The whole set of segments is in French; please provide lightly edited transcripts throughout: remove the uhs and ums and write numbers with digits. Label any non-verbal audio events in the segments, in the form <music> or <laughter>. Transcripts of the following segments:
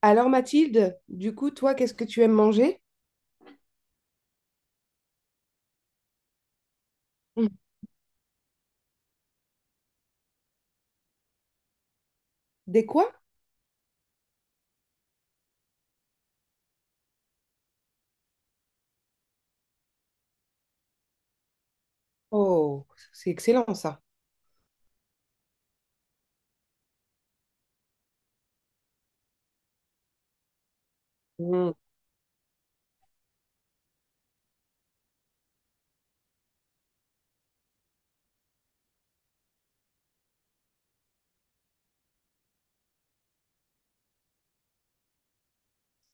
Alors Mathilde, du coup, toi, qu'est-ce que tu aimes manger? Mm. Des quoi? Oh, c'est excellent ça. Mm.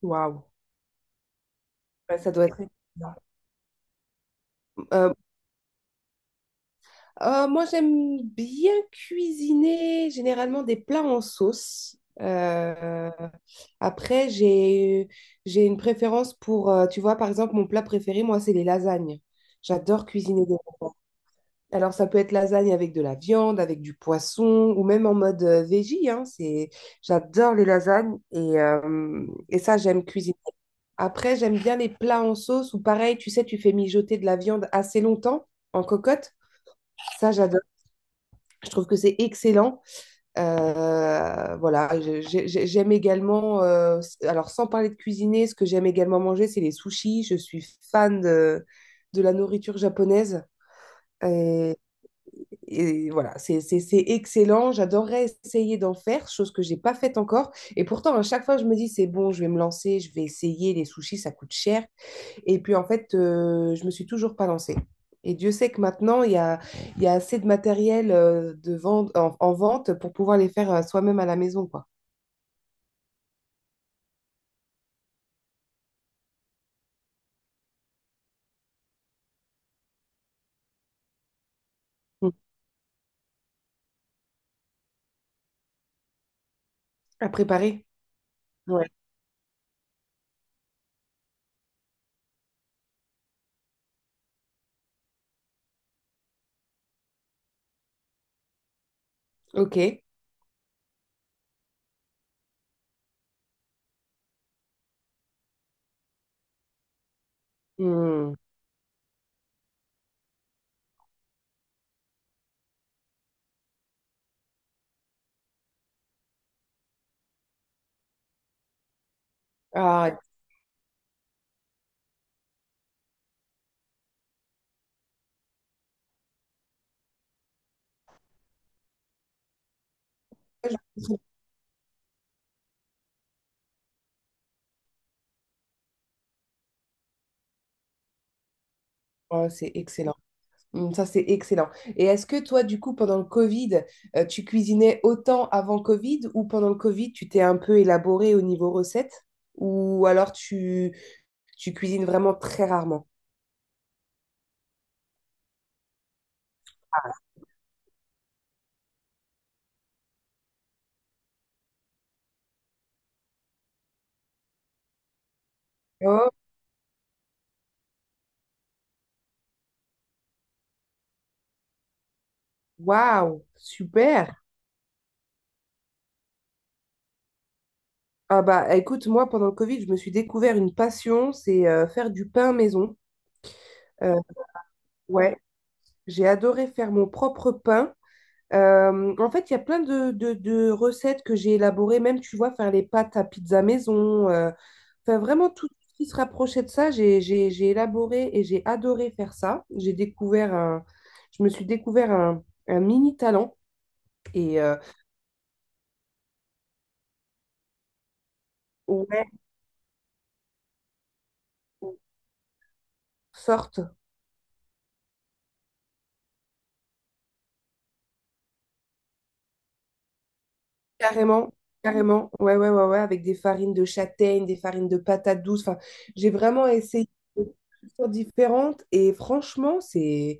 Waouh. Ouais, ça doit être excellent. Euh, Moi, j'aime bien cuisiner généralement des plats en sauce. Après, j'ai une préférence pour, tu vois, par exemple, mon plat préféré, moi, c'est les lasagnes. J'adore cuisiner des. Alors, ça peut être lasagne avec de la viande, avec du poisson, ou même en mode veggie, hein, c'est... J'adore les lasagnes et ça, j'aime cuisiner. Après, j'aime bien les plats en sauce, ou pareil, tu sais, tu fais mijoter de la viande assez longtemps en cocotte. Ça, j'adore. Je trouve que c'est excellent. Voilà, j'aime également, alors sans parler de cuisiner, ce que j'aime également manger, c'est les sushis. Je suis fan de la nourriture japonaise. Et voilà, c'est excellent. J'adorerais essayer d'en faire, chose que j'ai pas faite encore. Et pourtant, à chaque fois, je me dis, c'est bon, je vais me lancer, je vais essayer. Les sushis, ça coûte cher. Et puis, en fait, je me suis toujours pas lancée. Et Dieu sait que maintenant, il y a assez de matériel de vente, en vente pour pouvoir les faire soi-même à la maison, quoi. Mm. À préparer. Ouais. Ok. Mm. Ah, je- oh, c'est excellent. Mm. Ça, c'est excellent. Et est-ce que toi, du coup, pendant le Covid, tu cuisinais autant avant Covid ou pendant le Covid, tu t'es un peu élaboré au niveau recette ou alors tu cuisines vraiment très rarement? Oh, waouh, super. Ah bah écoute, moi, pendant le Covid, je me suis découvert une passion, c'est faire du pain maison. Euh, ouais, j'ai adoré faire mon propre pain. En fait, il y a plein de recettes que j'ai élaborées, même tu vois, faire les pâtes à pizza maison, enfin vraiment tout ce qui se rapprochait de ça, j'ai élaboré et j'ai adoré faire ça. Je me suis découvert un mini talent et euh, ouais, sorte carrément, carrément, ouais, ouais, ouais, ouais, avec des farines de châtaigne, des farines de patates douces, enfin, j'ai vraiment essayé des choses différentes et franchement, c'est.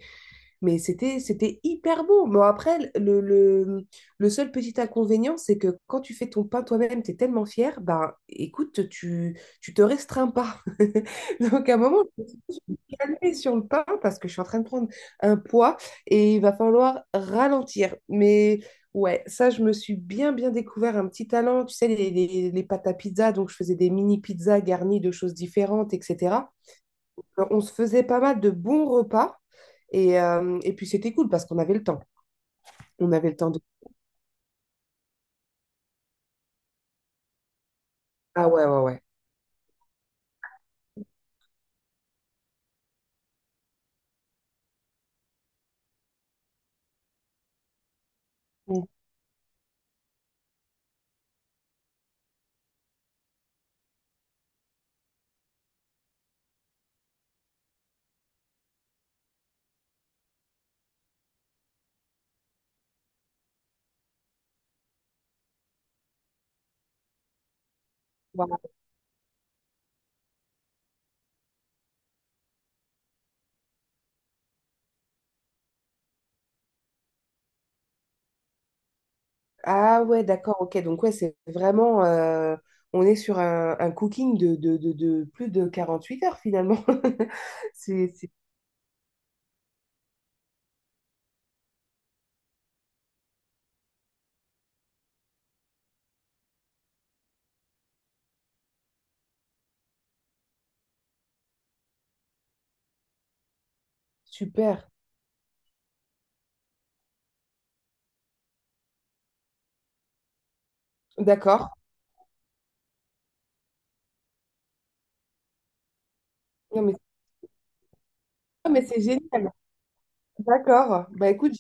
Mais c'était hyper beau. Bon, après, le seul petit inconvénient, c'est que quand tu fais ton pain toi-même, tu es tellement fier, ben écoute, tu te restreins pas. <laughs> Donc à un moment, je me suis dit, je vais me calmer sur le pain parce que je suis en train de prendre un poids et il va falloir ralentir. Mais ouais, ça, je me suis bien, bien découvert un petit talent. Tu sais, les pâtes à pizza, donc je faisais des mini pizzas garnies de choses différentes, etc. Alors, on se faisait pas mal de bons repas. Et puis c'était cool parce qu'on avait le temps. On avait le temps de... Ah ouais, ouais, ouais. Mm. Wow. Ah ouais, d'accord, ok. Donc ouais, c'est vraiment... on est sur un cooking de plus de 48 heures finalement. <laughs> C'est super. D'accord. Non, mais, ah, mais c'est génial. D'accord. Bah écoute, j-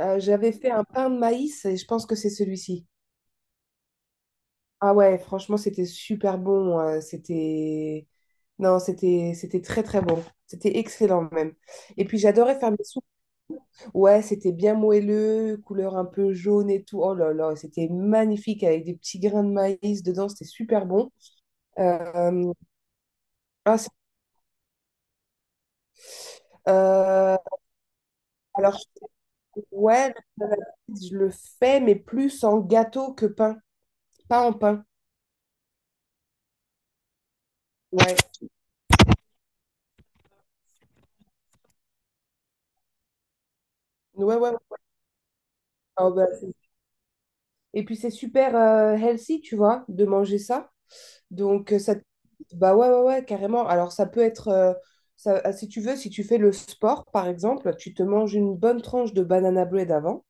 euh, j'avais fait un pain de maïs et je pense que c'est celui-ci. Ah ouais, franchement, c'était super bon. C'était... Non, c'était très très bon. C'était excellent même. Et puis j'adorais faire mes soupes. Ouais, c'était bien moelleux, couleur un peu jaune et tout. Oh là là, c'était magnifique avec des petits grains de maïs dedans. C'était super bon. Euh, ah, c'est- euh, alors, ouais, le pain à la pizza, je le fais, mais plus en gâteau que pain. Pas en pain. Ouais. Ouais, ouais. Ouais. Ah bah, et puis c'est super healthy, tu vois, de manger ça. Donc, bah ouais, ouais, ouais, carrément. Alors, ça peut être, ah, si tu veux, si tu fais le sport, par exemple, tu te manges une bonne tranche de banana bread avant,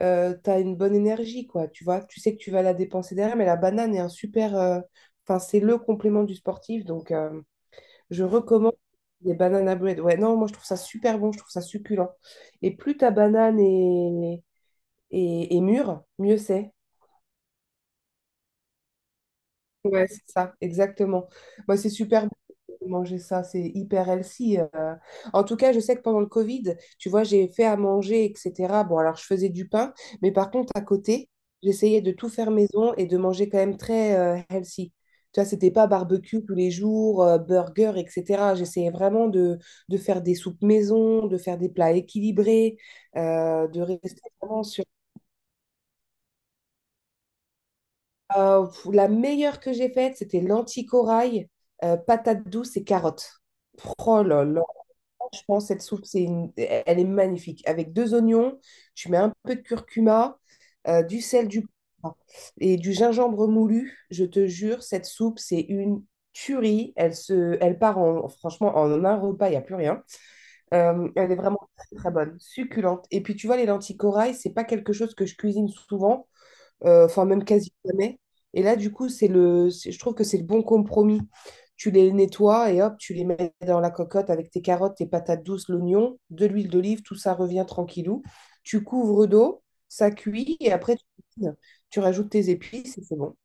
tu une bonne énergie, quoi, tu vois. Tu sais que tu vas la dépenser derrière, mais la banane est un super, enfin, c'est le complément du sportif. Donc, je recommande les banana bread. Ouais, non, moi, je trouve ça super bon, je trouve ça succulent. Et plus ta banane est mûre, mieux c'est. Ouais, c'est ça, exactement. Bah, c'est super bon de manger ça, c'est hyper healthy. En tout cas, je sais que pendant le Covid, tu vois, j'ai fait à manger, etc. Bon, alors je faisais du pain, mais par contre, à côté, j'essayais de tout faire maison et de manger quand même très healthy. Tu vois, c'était pas barbecue tous les jours, burger, etc. J'essayais vraiment de faire des soupes maison, de faire des plats équilibrés, de rester vraiment sur. La meilleure que j'ai faite, c'était l'anticorail, patates douces et carottes. Oh là là, je pense cette soupe, elle est magnifique. Avec deux oignons, tu mets un peu de curcuma, du sel, du poivre et du gingembre moulu. Je te jure, cette soupe, c'est une tuerie. Elle part en, franchement en un repas, il n'y a plus rien. Elle est vraiment très, très bonne, succulente. Et puis tu vois, les lentilles corail, c'est pas quelque chose que je cuisine souvent, enfin même quasi jamais. Et là, du coup, je trouve que c'est le bon compromis. Tu les nettoies et hop, tu les mets dans la cocotte avec tes carottes, tes patates douces, l'oignon, de l'huile d'olive, tout ça revient tranquillou. Tu couvres d'eau, ça cuit et après tu cuisines. Tu rajoutes tes épices et c'est bon.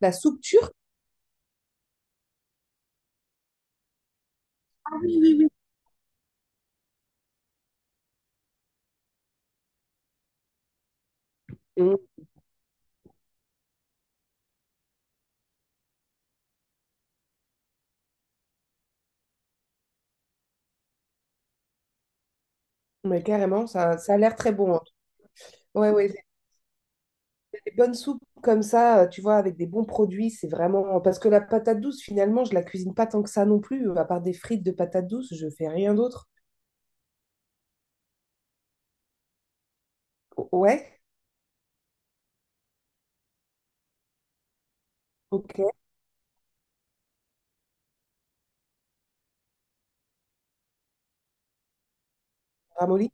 La soupe turque. Ah oui, oui, oui. Mais carrément, ça a l'air très bon, hein. Ouais, ouais. Des bonnes soupes comme ça, tu vois, avec des bons produits, c'est vraiment... Parce que la patate douce, finalement, je la cuisine pas tant que ça non plus. À part des frites de patate douce, je fais rien d'autre. Ouais, ok, ramolli.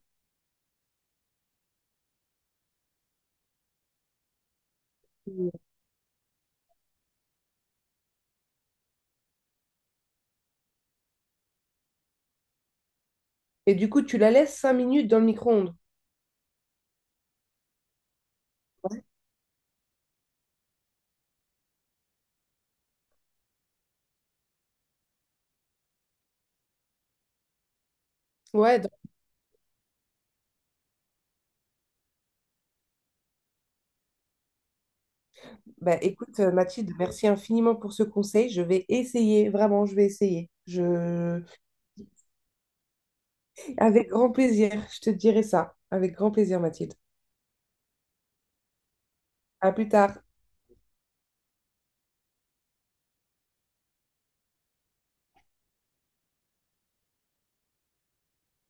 Et du coup, tu la laisses 5 minutes dans le micro-ondes. Ouais, bah, écoute, Mathilde, merci infiniment pour ce conseil. Je vais essayer, vraiment, je vais essayer. Je... Avec grand plaisir, je te dirai ça. Avec grand plaisir, Mathilde. À plus tard.